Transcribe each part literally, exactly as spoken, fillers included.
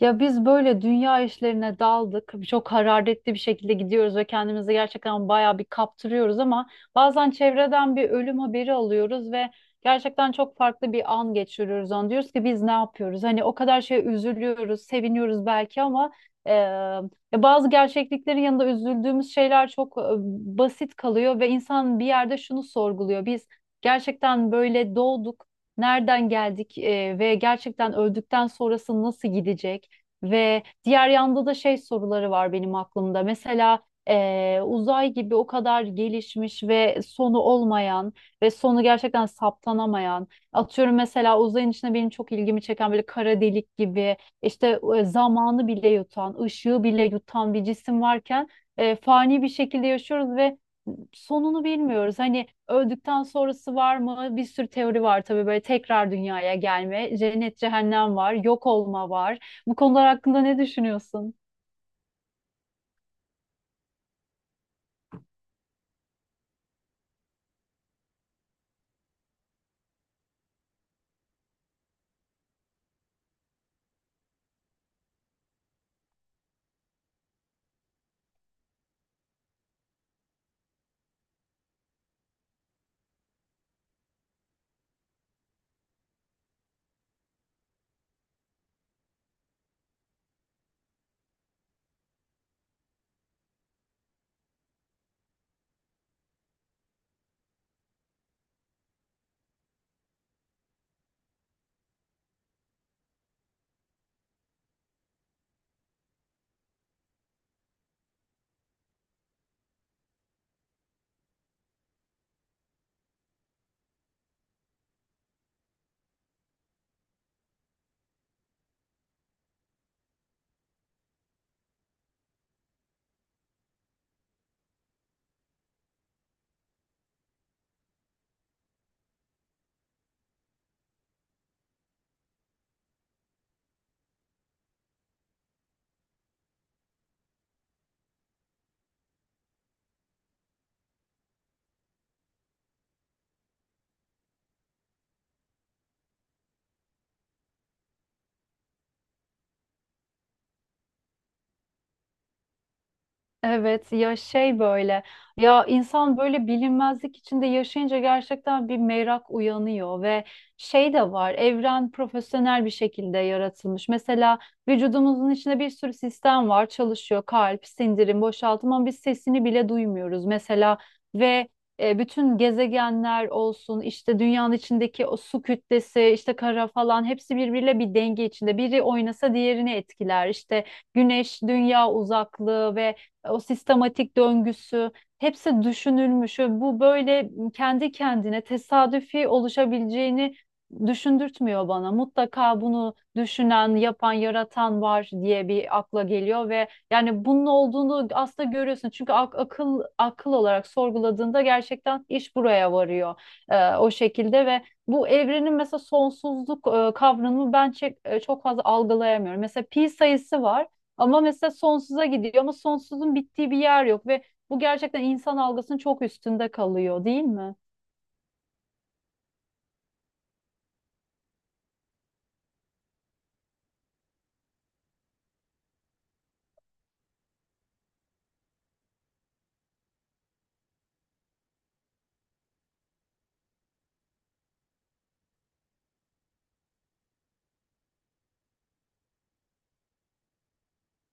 Ya biz böyle dünya işlerine daldık. Çok hararetli bir şekilde gidiyoruz ve kendimizi gerçekten bayağı bir kaptırıyoruz ama bazen çevreden bir ölüm haberi alıyoruz ve gerçekten çok farklı bir an geçiriyoruz onu. Diyoruz ki biz ne yapıyoruz? Hani o kadar şeye üzülüyoruz, seviniyoruz belki ama e, ya bazı gerçekliklerin yanında üzüldüğümüz şeyler çok e, basit kalıyor ve insan bir yerde şunu sorguluyor. Biz gerçekten böyle doğduk. Nereden geldik e, ve gerçekten öldükten sonrası nasıl gidecek? Ve diğer yanda da şey soruları var benim aklımda. Mesela eee, uzay gibi o kadar gelişmiş ve sonu olmayan ve sonu gerçekten saptanamayan. Atıyorum mesela uzayın içinde benim çok ilgimi çeken böyle kara delik gibi işte e, zamanı bile yutan, ışığı bile yutan bir cisim varken e, fani bir şekilde yaşıyoruz ve sonunu bilmiyoruz. Hani öldükten sonrası var mı? Bir sürü teori var tabii böyle tekrar dünyaya gelme, cennet cehennem var, yok olma var. Bu konular hakkında ne düşünüyorsun? Evet ya şey böyle, ya insan böyle bilinmezlik içinde yaşayınca gerçekten bir merak uyanıyor ve şey de var, evren profesyonel bir şekilde yaratılmış. Mesela vücudumuzun içinde bir sürü sistem var, çalışıyor kalp, sindirim, boşaltım ama biz sesini bile duymuyoruz mesela ve e, bütün gezegenler olsun işte dünyanın içindeki o su kütlesi işte kara falan hepsi birbiriyle bir denge içinde, biri oynasa diğerini etkiler işte güneş dünya uzaklığı ve o sistematik döngüsü hepsi düşünülmüş ve bu böyle kendi kendine tesadüfi oluşabileceğini düşündürtmüyor bana. Mutlaka bunu düşünen, yapan, yaratan var diye bir akla geliyor ve yani bunun olduğunu aslında görüyorsun. Çünkü ak- akıl akıl olarak sorguladığında gerçekten iş buraya varıyor e, o şekilde ve bu evrenin mesela sonsuzluk e, kavramını ben çek- e, çok fazla algılayamıyorum. Mesela pi sayısı var. Ama mesela sonsuza gidiyor ama sonsuzun bittiği bir yer yok ve bu gerçekten insan algısının çok üstünde kalıyor, değil mi?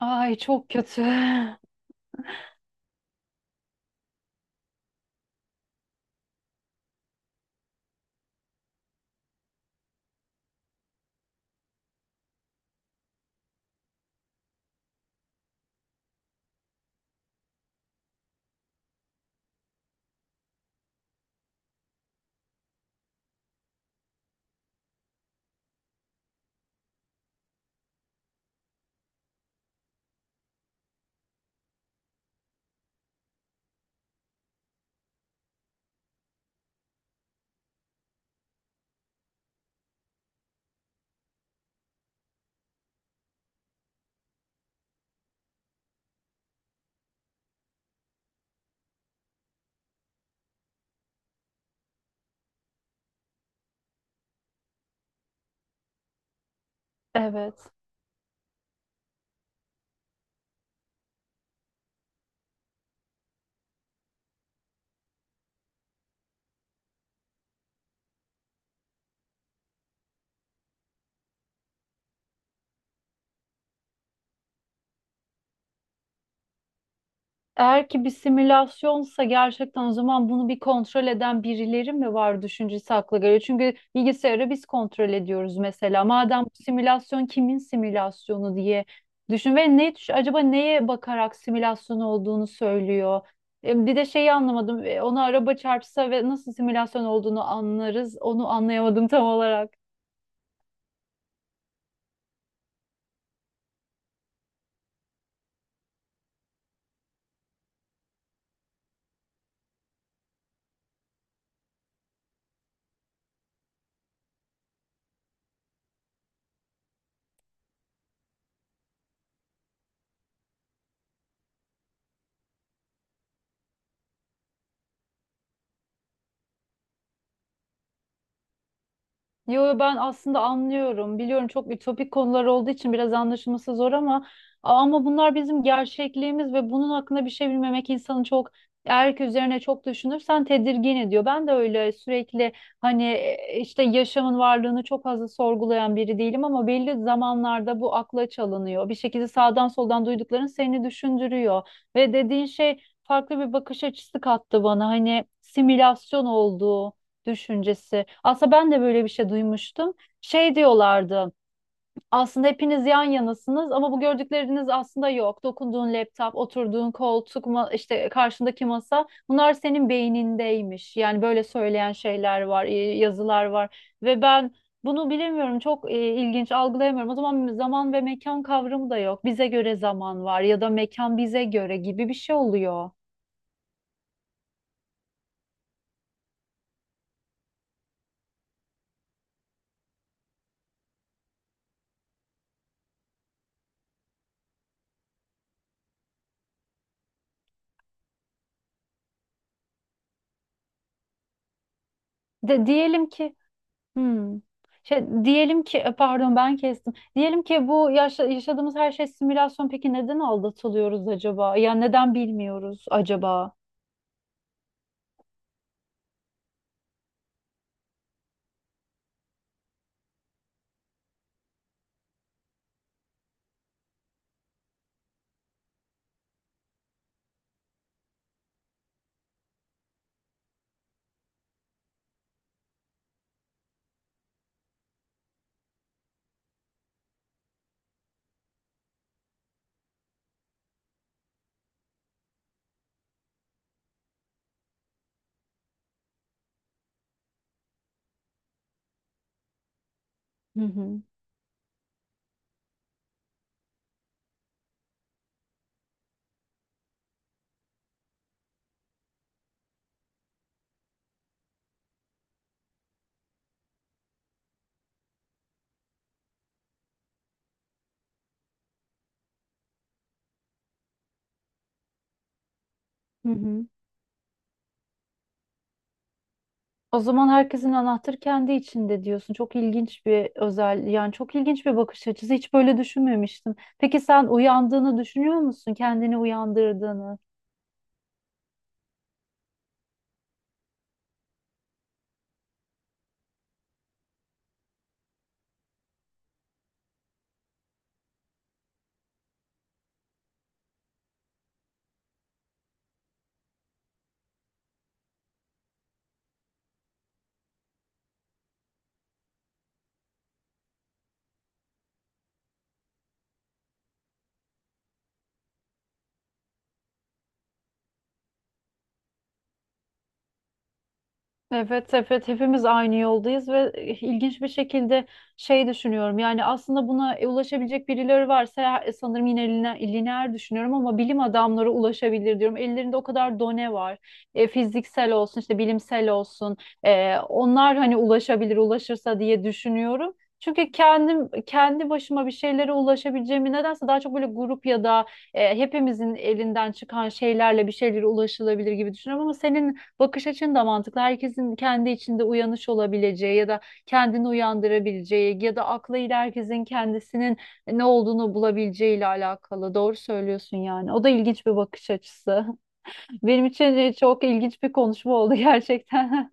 Ay çok kötü. Evet. Eğer ki bir simülasyonsa gerçekten, o zaman bunu bir kontrol eden birileri mi var düşüncesi akla geliyor. Çünkü bilgisayarı biz kontrol ediyoruz mesela. Madem bu simülasyon, kimin simülasyonu diye düşün ve ne düş- acaba neye bakarak simülasyon olduğunu söylüyor. E, Bir de şeyi anlamadım. E, Ona araba çarpsa ve nasıl simülasyon olduğunu anlarız. Onu anlayamadım tam olarak. Yo yo, ben aslında anlıyorum. Biliyorum çok ütopik konular olduğu için biraz anlaşılması zor ama ama bunlar bizim gerçekliğimiz ve bunun hakkında bir şey bilmemek insanı çok, erk üzerine çok düşünürsen tedirgin ediyor. Ben de öyle sürekli hani e, işte yaşamın varlığını çok fazla sorgulayan biri değilim ama belli zamanlarda bu akla çalınıyor. Bir şekilde sağdan soldan duydukların seni düşündürüyor ve dediğin şey farklı bir bakış açısı kattı bana. Hani simülasyon olduğu düşüncesi. Aslında ben de böyle bir şey duymuştum. Şey diyorlardı. Aslında hepiniz yan yanasınız ama bu gördükleriniz aslında yok. Dokunduğun laptop, oturduğun koltuk, ma- işte karşındaki masa bunlar senin beynindeymiş. Yani böyle söyleyen şeyler var, e, yazılar var ve ben bunu bilemiyorum. Çok e, ilginç algılayamıyorum. O zaman zaman ve mekan kavramı da yok. Bize göre zaman var ya da mekan bize göre gibi bir şey oluyor. De diyelim ki Hmm. Şey, diyelim ki e, pardon ben kestim. Diyelim ki bu yaşa- yaşadığımız her şey simülasyon. Peki neden aldatılıyoruz acaba? Ya neden bilmiyoruz acaba? Hı hı. Hı hı. O zaman herkesin anahtarı kendi içinde diyorsun. Çok ilginç bir özel, yani çok ilginç bir bakış açısı. Hiç böyle düşünmemiştim. Peki sen uyandığını düşünüyor musun? Kendini uyandırdığını? Evet, evet hepimiz aynı yoldayız ve ilginç bir şekilde şey düşünüyorum. Yani aslında buna ulaşabilecek birileri varsa e, sanırım yine lineer, lineer düşünüyorum ama bilim adamları ulaşabilir diyorum. Ellerinde o kadar done var. E, fiziksel olsun, işte bilimsel olsun. E, onlar hani ulaşabilir, ulaşırsa diye düşünüyorum. Çünkü kendim kendi başıma bir şeylere ulaşabileceğimi nedense daha çok böyle grup ya da e, hepimizin elinden çıkan şeylerle bir şeylere ulaşılabilir gibi düşünüyorum ama senin bakış açın da mantıklı. Herkesin kendi içinde uyanış olabileceği ya da kendini uyandırabileceği ya da aklıyla herkesin kendisinin ne olduğunu bulabileceği ile alakalı. Doğru söylüyorsun yani. O da ilginç bir bakış açısı. Benim için e, çok ilginç bir konuşma oldu gerçekten.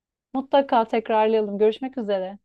Mutlaka tekrarlayalım. Görüşmek üzere.